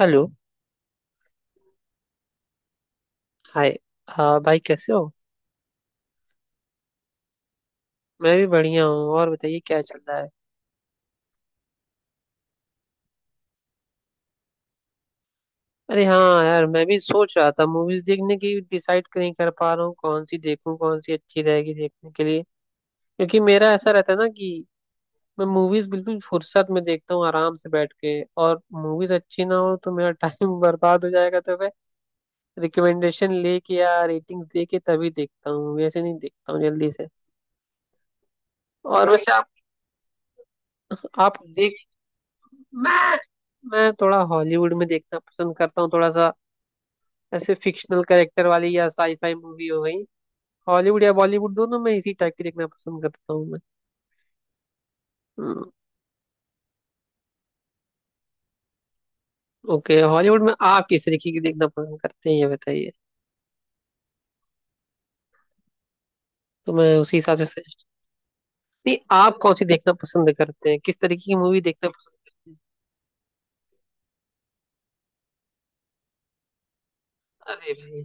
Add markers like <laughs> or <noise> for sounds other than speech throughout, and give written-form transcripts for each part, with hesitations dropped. Hello. Hi. हाँ भाई, कैसे हो? मैं भी बढ़िया हूँ। और बताइए, क्या चल रहा है? अरे हाँ यार, मैं भी सोच रहा था मूवीज देखने की। डिसाइड नहीं कर पा रहा हूँ कौन सी देखूँ, कौन सी अच्छी रहेगी देखने के लिए। क्योंकि मेरा ऐसा रहता है ना कि मैं मूवीज बिल्कुल फुर्सत में देखता हूँ, आराम से बैठ के। और मूवीज अच्छी ना हो तो मेरा टाइम <laughs> बर्बाद हो जाएगा, तो मैं रिकमेंडेशन लेके या रेटिंग्स लेके तभी देखता हूँ, वैसे नहीं देखता हूँ जल्दी से। और वैसे आप देख मैं मैं थोड़ा हॉलीवुड में देखना पसंद करता हूँ, थोड़ा सा। ऐसे फिक्शनल कैरेक्टर वाली या साईफाई मूवी हो गई। हॉलीवुड या बॉलीवुड दोनों में इसी टाइप की देखना पसंद करता हूँ मैं। हम्म, ओके, हॉलीवुड में आप किस तरीके की देखना पसंद करते हैं ये बताइए, तो मैं उसी हिसाब से सजेस्ट। नहीं, आप कौन सी देखना पसंद करते हैं, किस तरीके की मूवी देखना पसंद करते हैं? अरे भाई।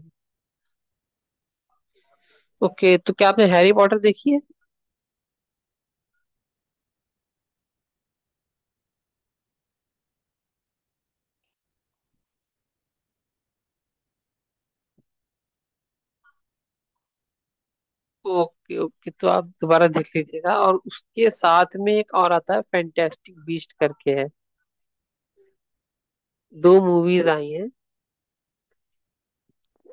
ओके, तो क्या आपने हैरी पॉटर देखी है? ओके ओके, तो आप दोबारा देख लीजिएगा। और उसके साथ में एक और आता है, फैंटेस्टिक बीस्ट करके है। दो मूवीज आई हैं,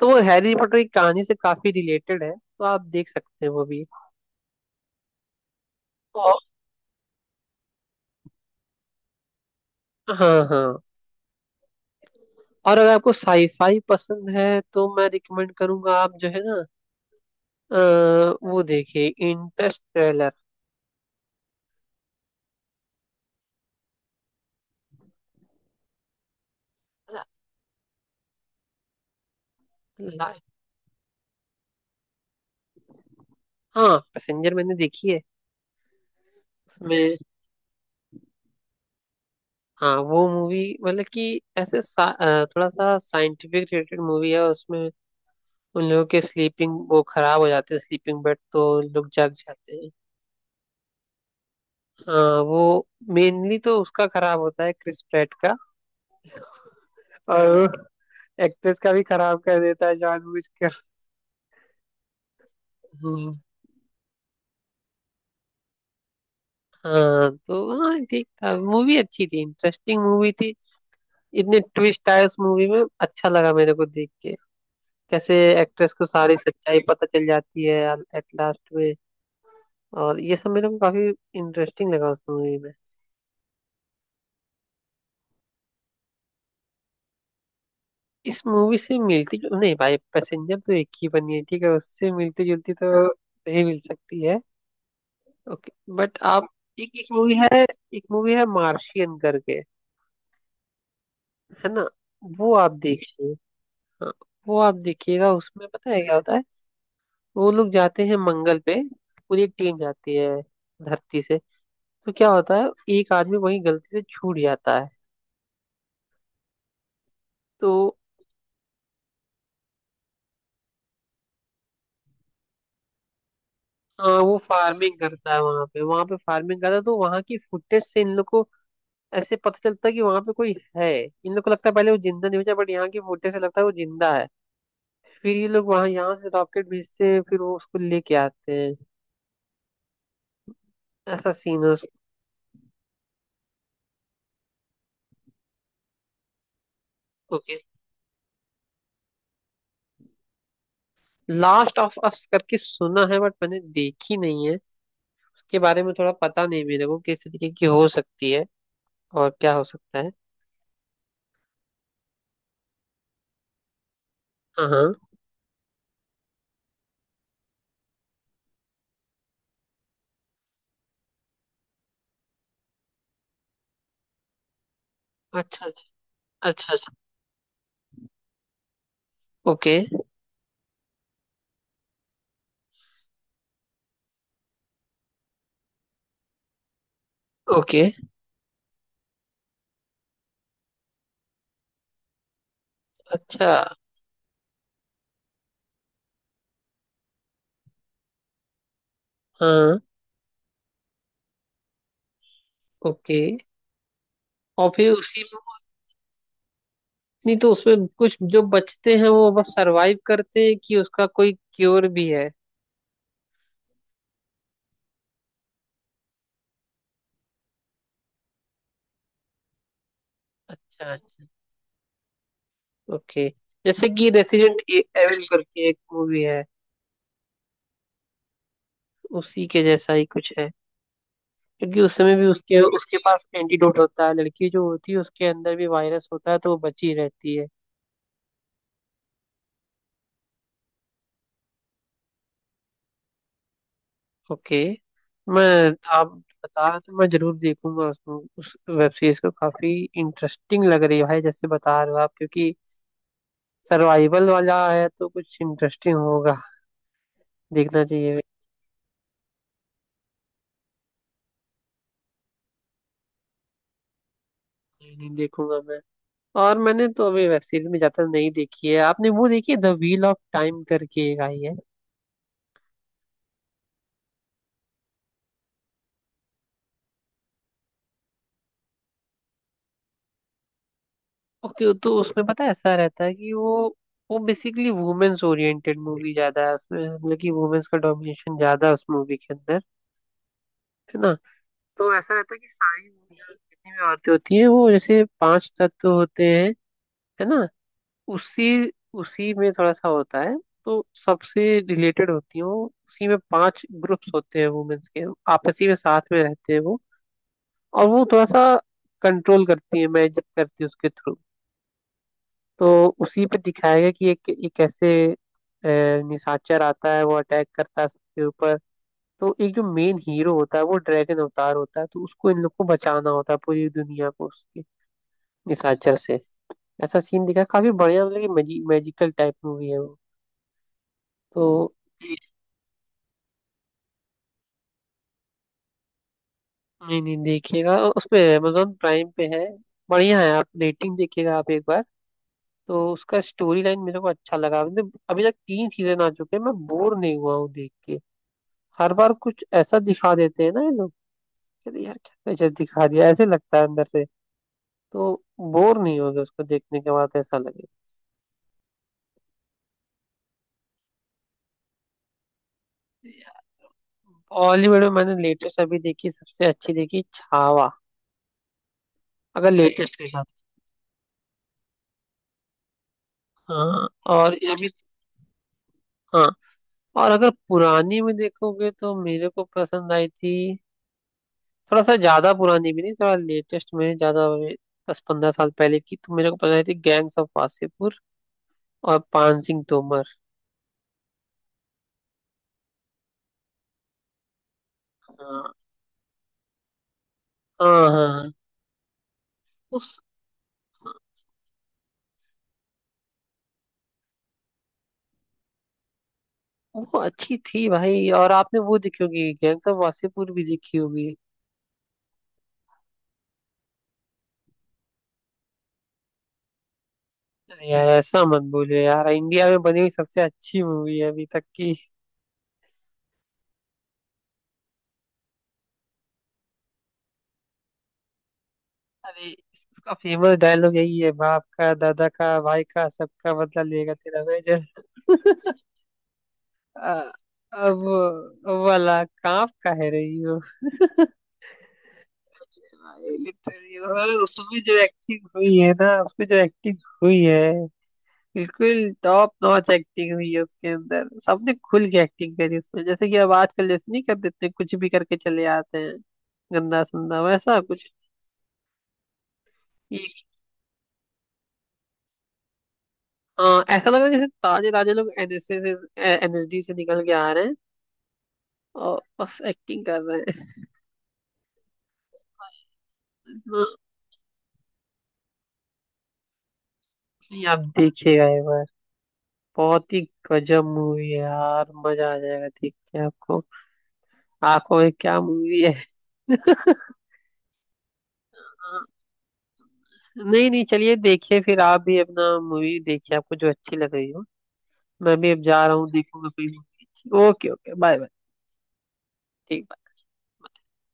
तो वो हैरी पॉटर की कहानी से काफी रिलेटेड है, तो आप देख सकते हैं वो भी। और हाँ हाँ, और अगर आपको साईफाई पसंद है तो मैं रिकमेंड करूंगा आप, जो है ना, अ, वो देखिए इंटरस्टेलर। हाँ पैसेंजर मैंने देखी है। उसमें, हाँ, वो मूवी मतलब कि ऐसे थोड़ा सा साइंटिफिक रिलेटेड मूवी है। उसमें उन लोगों के स्लीपिंग वो खराब हो जाते हैं, स्लीपिंग बेड, तो उन लोग जग जाते हैं। हाँ वो, मेनली तो उसका खराब होता है क्रिस प्रेट का, और एक्ट्रेस का भी खराब कर देता है जानबूझकर। हम्म, हाँ तो, हाँ ठीक था, मूवी अच्छी थी, इंटरेस्टिंग मूवी थी। इतने ट्विस्ट आए उस मूवी में, अच्छा लगा मेरे को देख के। कैसे एक्ट्रेस को सारी सच्चाई पता चल जाती है एट लास्ट में, और ये सब मेरे को काफी इंटरेस्टिंग लगा उस मूवी में। इस मूवी से मिलती जुल नहीं भाई, पैसेंजर तो एक ही बनी है, ठीक है, उससे मिलती जुलती तो नहीं मिल सकती है। ओके। बट आप एक एक मूवी है मार्शियन करके, है ना, वो आप देखिए। हाँ वो आप देखिएगा। उसमें पता है क्या होता है, वो लोग जाते हैं मंगल पे, पूरी एक टीम जाती है धरती से। तो क्या होता है, एक आदमी वहीं गलती से छूट जाता है तो। हाँ वो फार्मिंग करता है, वहां पे फार्मिंग करता है। तो वहां की फुटेज से इन लोग को ऐसे पता चलता है कि वहां पे कोई है। इन लोग को लगता है पहले वो जिंदा नहीं बचा, बट यहाँ की फुटेज से लगता है वो जिंदा है। फिर ये लोग वहां, यहाँ से रॉकेट भेजते हैं, फिर वो उसको लेके आते हैं। ऐसा सीन है। ओके, लास्ट ऑफ अस करके सुना है, बट मैंने देखी नहीं है। उसके बारे में थोड़ा पता नहीं मेरे को किस तरीके की हो सकती है और क्या हो सकता है। हाँ हाँ। अच्छा अच्छा। अच्छा अच्छा। Okay okay. अच्छा। हाँ। ओके। और फिर उसी में नहीं तो, उसमें कुछ जो बचते हैं वो बस सरवाइव करते हैं, कि उसका कोई क्योर भी है? अच्छा अच्छा। ओके, जैसे कि रेसिडेंट एविल करके एक मूवी है, उसी के जैसा ही कुछ है। क्योंकि उस समय भी उसके उसके पास एंटीडोट होता है, लड़की जो होती है उसके अंदर भी वायरस होता है तो वो बची रहती है। ओके। मैं आप बता रहे हो तो मैं जरूर देखूंगा उस वेब सीरीज को। काफी इंटरेस्टिंग लग रही है भाई जैसे बता रहे हो आप, क्योंकि सर्वाइवल वाला है तो कुछ इंटरेस्टिंग होगा, देखना चाहिए। नहीं, नहीं, देखूंगा मैं। और मैंने तो अभी वेब सीरीज में ज्यादा नहीं देखी है। आपने वो देखी है, द व्हील ऑफ टाइम करके एक आई है? ओके, तो उसमें पता है ऐसा रहता है कि वो बेसिकली वुमेन्स ओरिएंटेड मूवी ज्यादा है। उसमें मतलब कि वुमेन्स का डोमिनेशन ज्यादा है उस मूवी के अंदर, है ना। तो ऐसा रहता है कि सारी women, जितनी भी औरतें होती हैं वो, जैसे 5 तत्व होते हैं, है ना, उसी उसी में थोड़ा सा होता है। तो सबसे रिलेटेड होती हैं वो, उसी में 5 ग्रुप्स होते हैं वुमेन्स के, आपसी में साथ में रहते हैं वो। और वो थोड़ा सा कंट्रोल करती है, मैजिक करती है उसके थ्रू। तो उसी पे दिखाया गया कि एक एक कैसे निशाचर आता है, वो अटैक करता है सबके ऊपर। तो एक जो मेन हीरो होता है वो ड्रैगन अवतार होता है, तो उसको इन लोग को बचाना होता है पूरी दुनिया को उसके निशाचर से। ऐसा सीन दिखा, काफी बढ़िया, मतलब कि मैजिकल टाइप मूवी है वो। तो नहीं नहीं, देखिएगा उसपे, अमेजोन प्राइम पे है। बढ़िया है, आप रेटिंग देखिएगा आप एक बार। तो उसका स्टोरी लाइन मेरे को अच्छा लगा। मतलब अभी तक 3 सीजन आ चुके हैं, मैं बोर नहीं हुआ हूँ देख के। हर बार कुछ ऐसा दिखा देते हैं ना ये लोग, कहते यार क्या गजब दिखा दिया, ऐसे लगता है अंदर से। तो बोर नहीं होगा उसको देखने के बाद ऐसा लगे। बॉलीवुड में मैंने लेटेस्ट अभी देखी सबसे अच्छी, देखी छावा। अगर लेटेस्ट के साथ, हाँ, और ये भी। हाँ, और अगर पुरानी में देखोगे तो मेरे को पसंद आई थी, थोड़ा सा ज्यादा पुरानी भी नहीं, थोड़ा लेटेस्ट में ज्यादा। 10-15 साल पहले की, तो मेरे को पता थी गैंग्स ऑफ वासेपुर और पान सिंह तोमर। हाँ हाँ, हाँ, हाँ, उस वो अच्छी थी भाई। और आपने वो देखी होगी, गैंग्स ऑफ वासेपुर भी देखी होगी? अरे यार, ऐसा मत बोलो यार, इंडिया में बनी हुई सबसे अच्छी मूवी है अभी तक की। अरे इसका फेमस डायलॉग यही है, बाप का दादा का भाई का सबका बदला लेगा तेरा, मैं जब। अब वो वाला कांप का है रही। लिटरली, उसमें जो एक्टिंग हुई है ना, उसमें जो एक्टिंग हुई है, बिल्कुल टॉप नॉच एक्टिंग हुई है उसके अंदर। सबने खुल के एक्टिंग करी उसमें, जैसे कि अब आजकल जैसे नहीं, कर देते कुछ भी करके चले आते हैं, गंदा संदा, वैसा कुछ। ये- हाँ, ऐसा लग रहा है जैसे ताजे ताजे लोग NSS NSD से निकल के आ रहे हैं और बस एक्टिंग कर रहे हैं। नहीं, आप देखिएगा एक बार, बहुत ही गजब मूवी है यार, मजा आ जाएगा देख के आपको। आंखों में क्या मूवी है। नहीं नहीं, चलिए, देखिए फिर आप भी अपना मूवी देखिए, आपको जो अच्छी लग रही हो। मैं भी अब जा रहा हूँ, देखूंगा कोई मूवी अच्छी। Okay okay, bye bye. ठीक बाय।